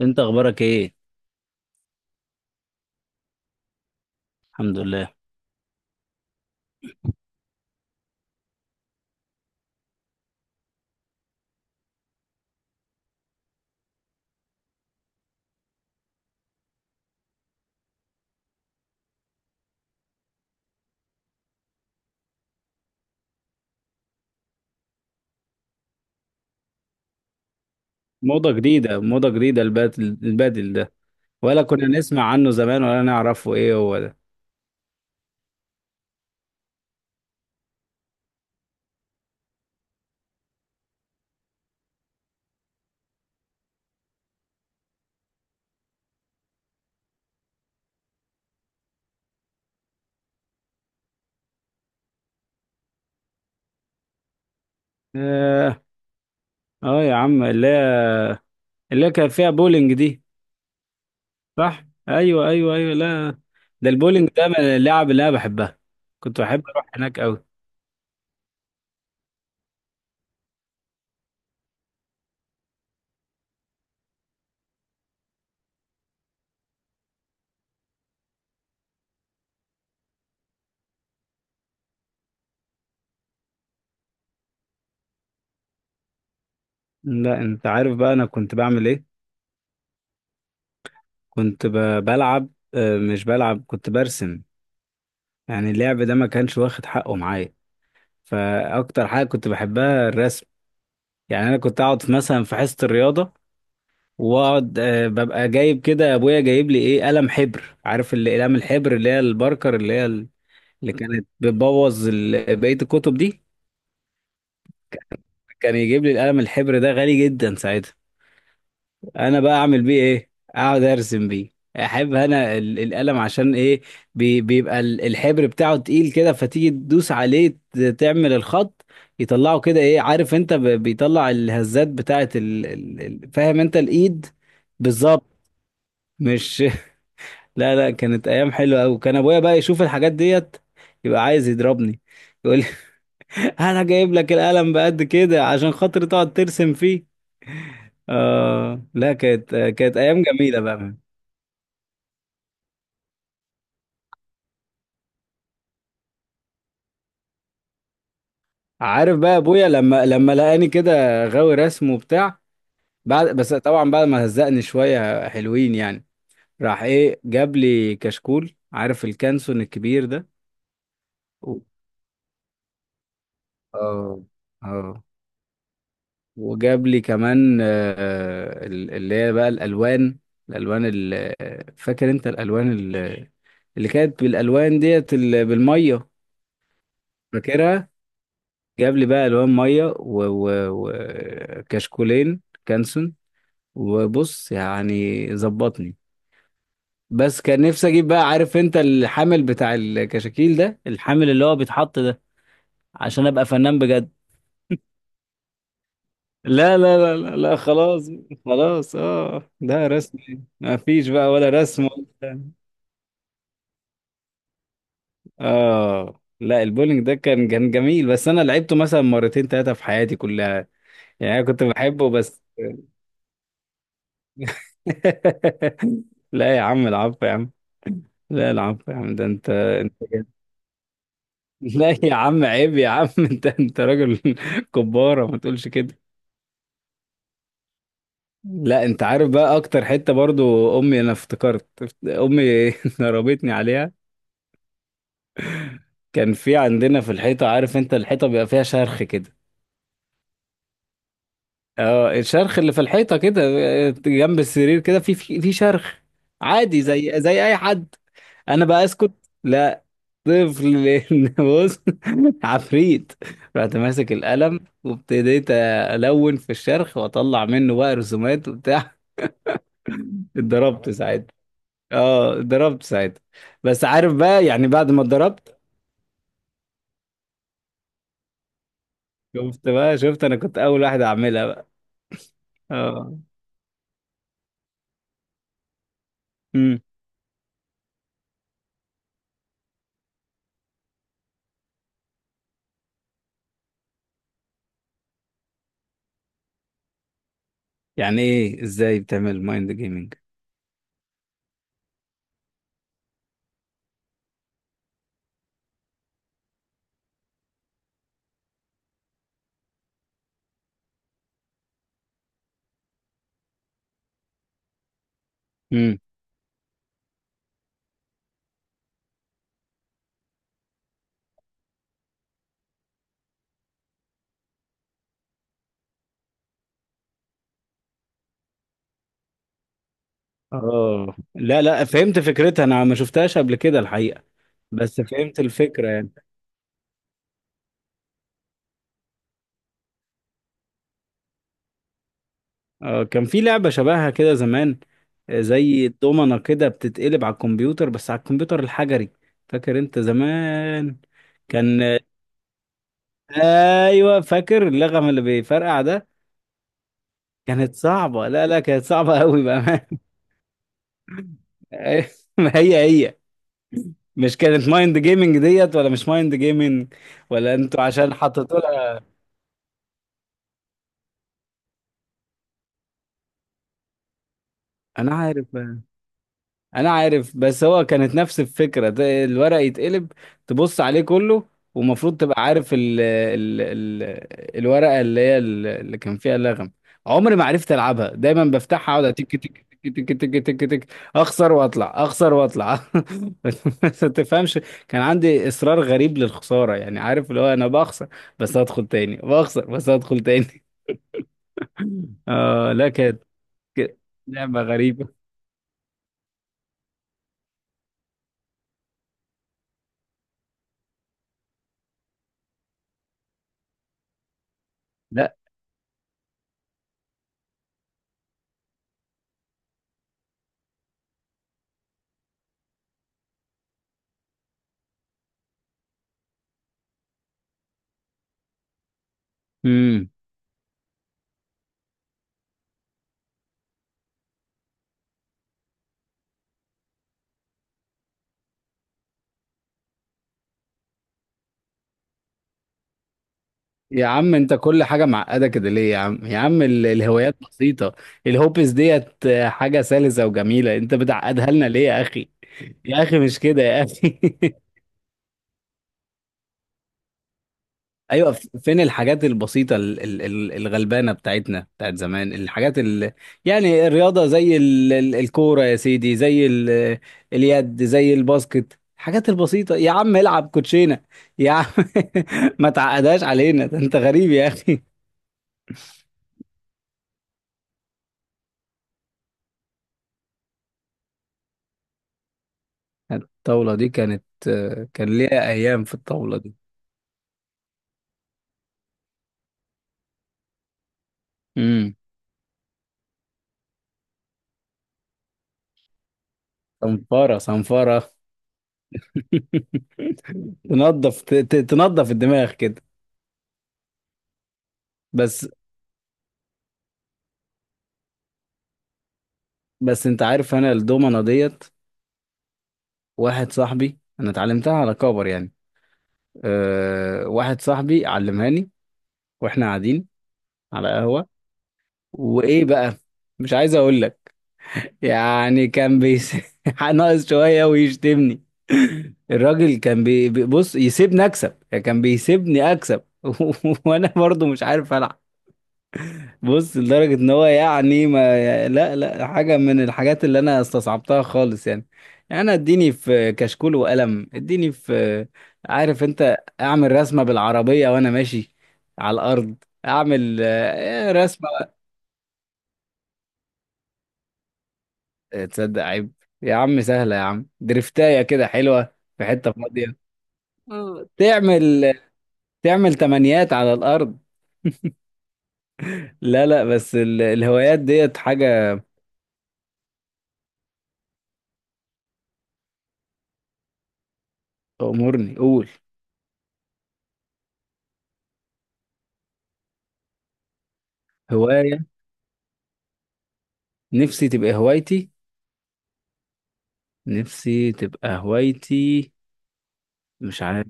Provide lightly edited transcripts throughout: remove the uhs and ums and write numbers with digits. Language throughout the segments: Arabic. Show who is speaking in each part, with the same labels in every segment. Speaker 1: انت اخبارك ايه؟ الحمد لله. موضة جديدة موضة جديدة، البادل البادل ده. ولا كنا نسمع عنه زمان، ولا نعرفه ايه هو ده؟ اه، اه يا عم، اللي هي كان فيها بولينج دي. صح، ايوه ايوه ايوه. لا، ده البولينج ده من اللعب اللي انا بحبها. كنت بحب اروح هناك قوي. لا انت عارف بقى انا كنت بعمل ايه. كنت بلعب. مش بلعب، كنت برسم. يعني اللعب ده ما كانش واخد حقه معايا، فاكتر حاجة كنت بحبها الرسم. يعني انا كنت اقعد في مثلا في حصه الرياضه، واقعد ببقى جايب كده، ابويا جايب لي ايه؟ قلم حبر. عارف اللي اقلام الحبر اللي هي الباركر، اللي هي اللي كانت بتبوظ بقيه الكتب دي. كان يجيب لي القلم الحبر ده، غالي جدا ساعتها. انا بقى اعمل بيه ايه؟ اقعد ارسم بيه. احب انا القلم عشان ايه؟ بيبقى الحبر بتاعه تقيل كده، فتيجي تدوس عليه، تعمل الخط يطلعه كده، ايه؟ عارف انت، بيطلع الهزات بتاعه فاهم انت الايد. بالظبط، مش لا لا، كانت ايام حلوه قوي. كان ابويا بقى يشوف الحاجات ديت، يبقى عايز يضربني، يقول لي انا جايب لك القلم بقد كده عشان خاطر تقعد ترسم فيه؟ اه لا، كانت ايام جميله بقى. عارف بقى ابويا لما لقاني كده غاوي رسم وبتاع، بعد بس طبعا بعد ما هزقني شويه حلوين يعني، راح ايه؟ جاب لي كشكول، عارف الكانسون الكبير ده؟ و- اه، اه. وجاب لي كمان اللي هي بقى الالوان، الالوان فاكر انت الالوان اللي كانت بالالوان ديت بالميه؟ فاكرها؟ جاب لي بقى الوان ميه وكشكولين كانسون، وبص يعني ظبطني. بس كان نفسي اجيب بقى، عارف انت الحامل بتاع الكشاكيل ده؟ الحامل اللي هو بيتحط ده، عشان ابقى فنان بجد. لا لا لا لا لا، خلاص. خلاص اه، ده رسم ما فيش بقى، ولا رسم ولا بتاع. اه لا، البولينج ده كان جميل، بس انا لعبته مثلا مرتين ثلاثة في حياتي كلها، يعني انا كنت بحبه بس. لا يا عم، العفو يا عم. لا العفو يا عم، ده انت. لا يا عم، عيب يا عم. انت راجل. كبارة، ما تقولش كده. لا انت عارف بقى، اكتر حتة برضو امي، انا افتكرت امي ضربتني عليها. كان في عندنا في الحيطة، عارف انت الحيطة بيبقى فيها شرخ كده؟ اه الشرخ اللي في الحيطة كده، اه، جنب السرير كده، في شرخ. عادي، زي اي حد. انا بقى اسكت؟ لا، طفل بص، عفريت. رحت ماسك القلم وابتديت الون في الشرح، واطلع منه بقى رسومات وبتاع. اتضربت ساعتها. اه، اتضربت ساعتها. بس عارف بقى يعني، بعد ما اتضربت، شفت بقى، شفت انا كنت اول واحد اعملها بقى. اه. امم. يعني ايه؟ ازاي بتعمل مايند جيمنج؟ امم. اه، لا لا، فهمت فكرتها. انا ما شفتهاش قبل كده الحقيقة، بس فهمت الفكرة يعني. كان في لعبة شبهها كده زمان، زي الدومنة كده بتتقلب على الكمبيوتر، بس على الكمبيوتر الحجري. فاكر انت زمان؟ كان ايوه، فاكر اللغم اللي بيفرقع ده. كانت صعبة، لا لا، كانت صعبة قوي بقى. ما هي هي، مش كانت مايند جيمنج ديت؟ ولا مش مايند جيمنج ولا انتوا عشان حطيتوا لها؟ انا عارف. انا عارف، بس هو كانت نفس الفكره، ده الورق يتقلب، تبص عليه كله، ومفروض تبقى عارف ال ال ال الورقه اللي هي اللي كان فيها اللغم. عمري ما عرفت العبها، دايما بفتحها اقعد، تك تك تك تك تك تك تك، اخسر واطلع، اخسر واطلع. بس ما تفهمش، كان عندي اصرار غريب للخساره يعني، عارف اللي هو انا بخسر بس هدخل تاني، بخسر بس هدخل تاني. اه لا، كانت لعبه غريبه. لا يا عم، انت كل حاجة معقدة كده ليه يا عم؟ يا عم الهوايات بسيطة، الهوبس ديت حاجة سلسة وجميلة، انت بتعقدها لنا ليه يا اخي؟ يا اخي مش كده يا اخي. ايوه، فين الحاجات البسيطة الغلبانة بتاعتنا بتاعت زمان، الحاجات يعني الرياضة زي الكورة يا سيدي، زي اليد، زي الباسكت. الحاجات البسيطة يا عم، العب كوتشينة يا عم. ما تعقدهاش علينا، ده انت غريب يا اخي. الطاولة دي كانت كان ليها أيام في الطاولة دي. امم. صنفرة صنفرة. تنظف، تنظف الدماغ كده. بس، بس أنت عارف أنا الدومنة ديت، واحد صاحبي أنا اتعلمتها على كبر يعني. أه، واحد صاحبي علمهاني وإحنا قاعدين على قهوة، وإيه بقى، مش عايز أقول لك، يعني كان بيس ناقص شوية ويشتمني. الراجل كان بص، يسيبني اكسب، يعني كان بيسيبني اكسب. وانا برضو مش عارف العب. بص لدرجة ان هو يعني ما، لا لا حاجة من الحاجات اللي انا استصعبتها خالص يعني، يعني انا اديني في كشكول وقلم، اديني في، عارف انت، اعمل رسمة بالعربية وانا ماشي على الارض، اعمل رسمة. تصدق؟ عيب يا عم، سهلة يا عم، درفتاية كده حلوة في حتة فاضية، تعمل تعمل تمانيات على الأرض. لا لا، بس الهوايات ديت حاجة. أمورني، قول. هواية نفسي تبقى هوايتي، نفسي تبقى هوايتي. مش عارف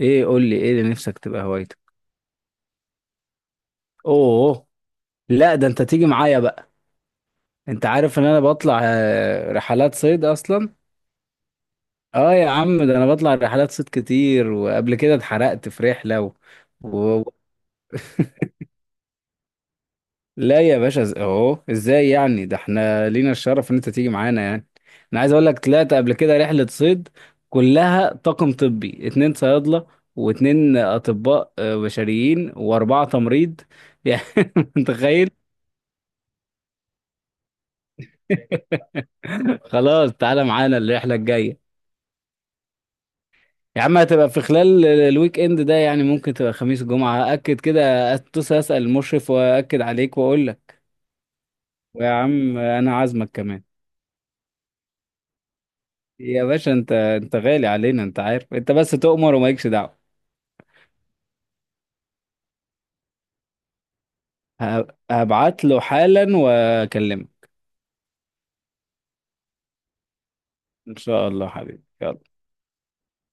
Speaker 1: ايه، قول لي ايه اللي نفسك تبقى هوايتك. اوه، لا، ده انت تيجي معايا بقى، انت عارف ان انا بطلع رحلات صيد اصلا. اه يا عم، ده انا بطلع رحلات صيد كتير، وقبل كده اتحرقت في رحلة و... لا يا باشا، اهو ازاي يعني؟ ده احنا لينا الشرف ان انت تيجي معانا يعني. انا عايز اقول لك، طلعت قبل كده رحلة صيد، كلها طاقم طبي، 2 صيادلة و2 اطباء بشريين، و4 تمريض يعني متخيل؟ خلاص تعالى معانا الرحلة الجاية. يا عم هتبقى في خلال الويك اند ده، يعني ممكن تبقى خميس جمعة. اكد كده، اتصل اسأل المشرف واكد عليك واقول لك. ويا عم انا عازمك كمان. يا باشا انت غالي علينا، انت عارف، انت بس تؤمر ومالكش دعوة. هبعت له حالا واكلمك. ان شاء الله حبيبي، يلا.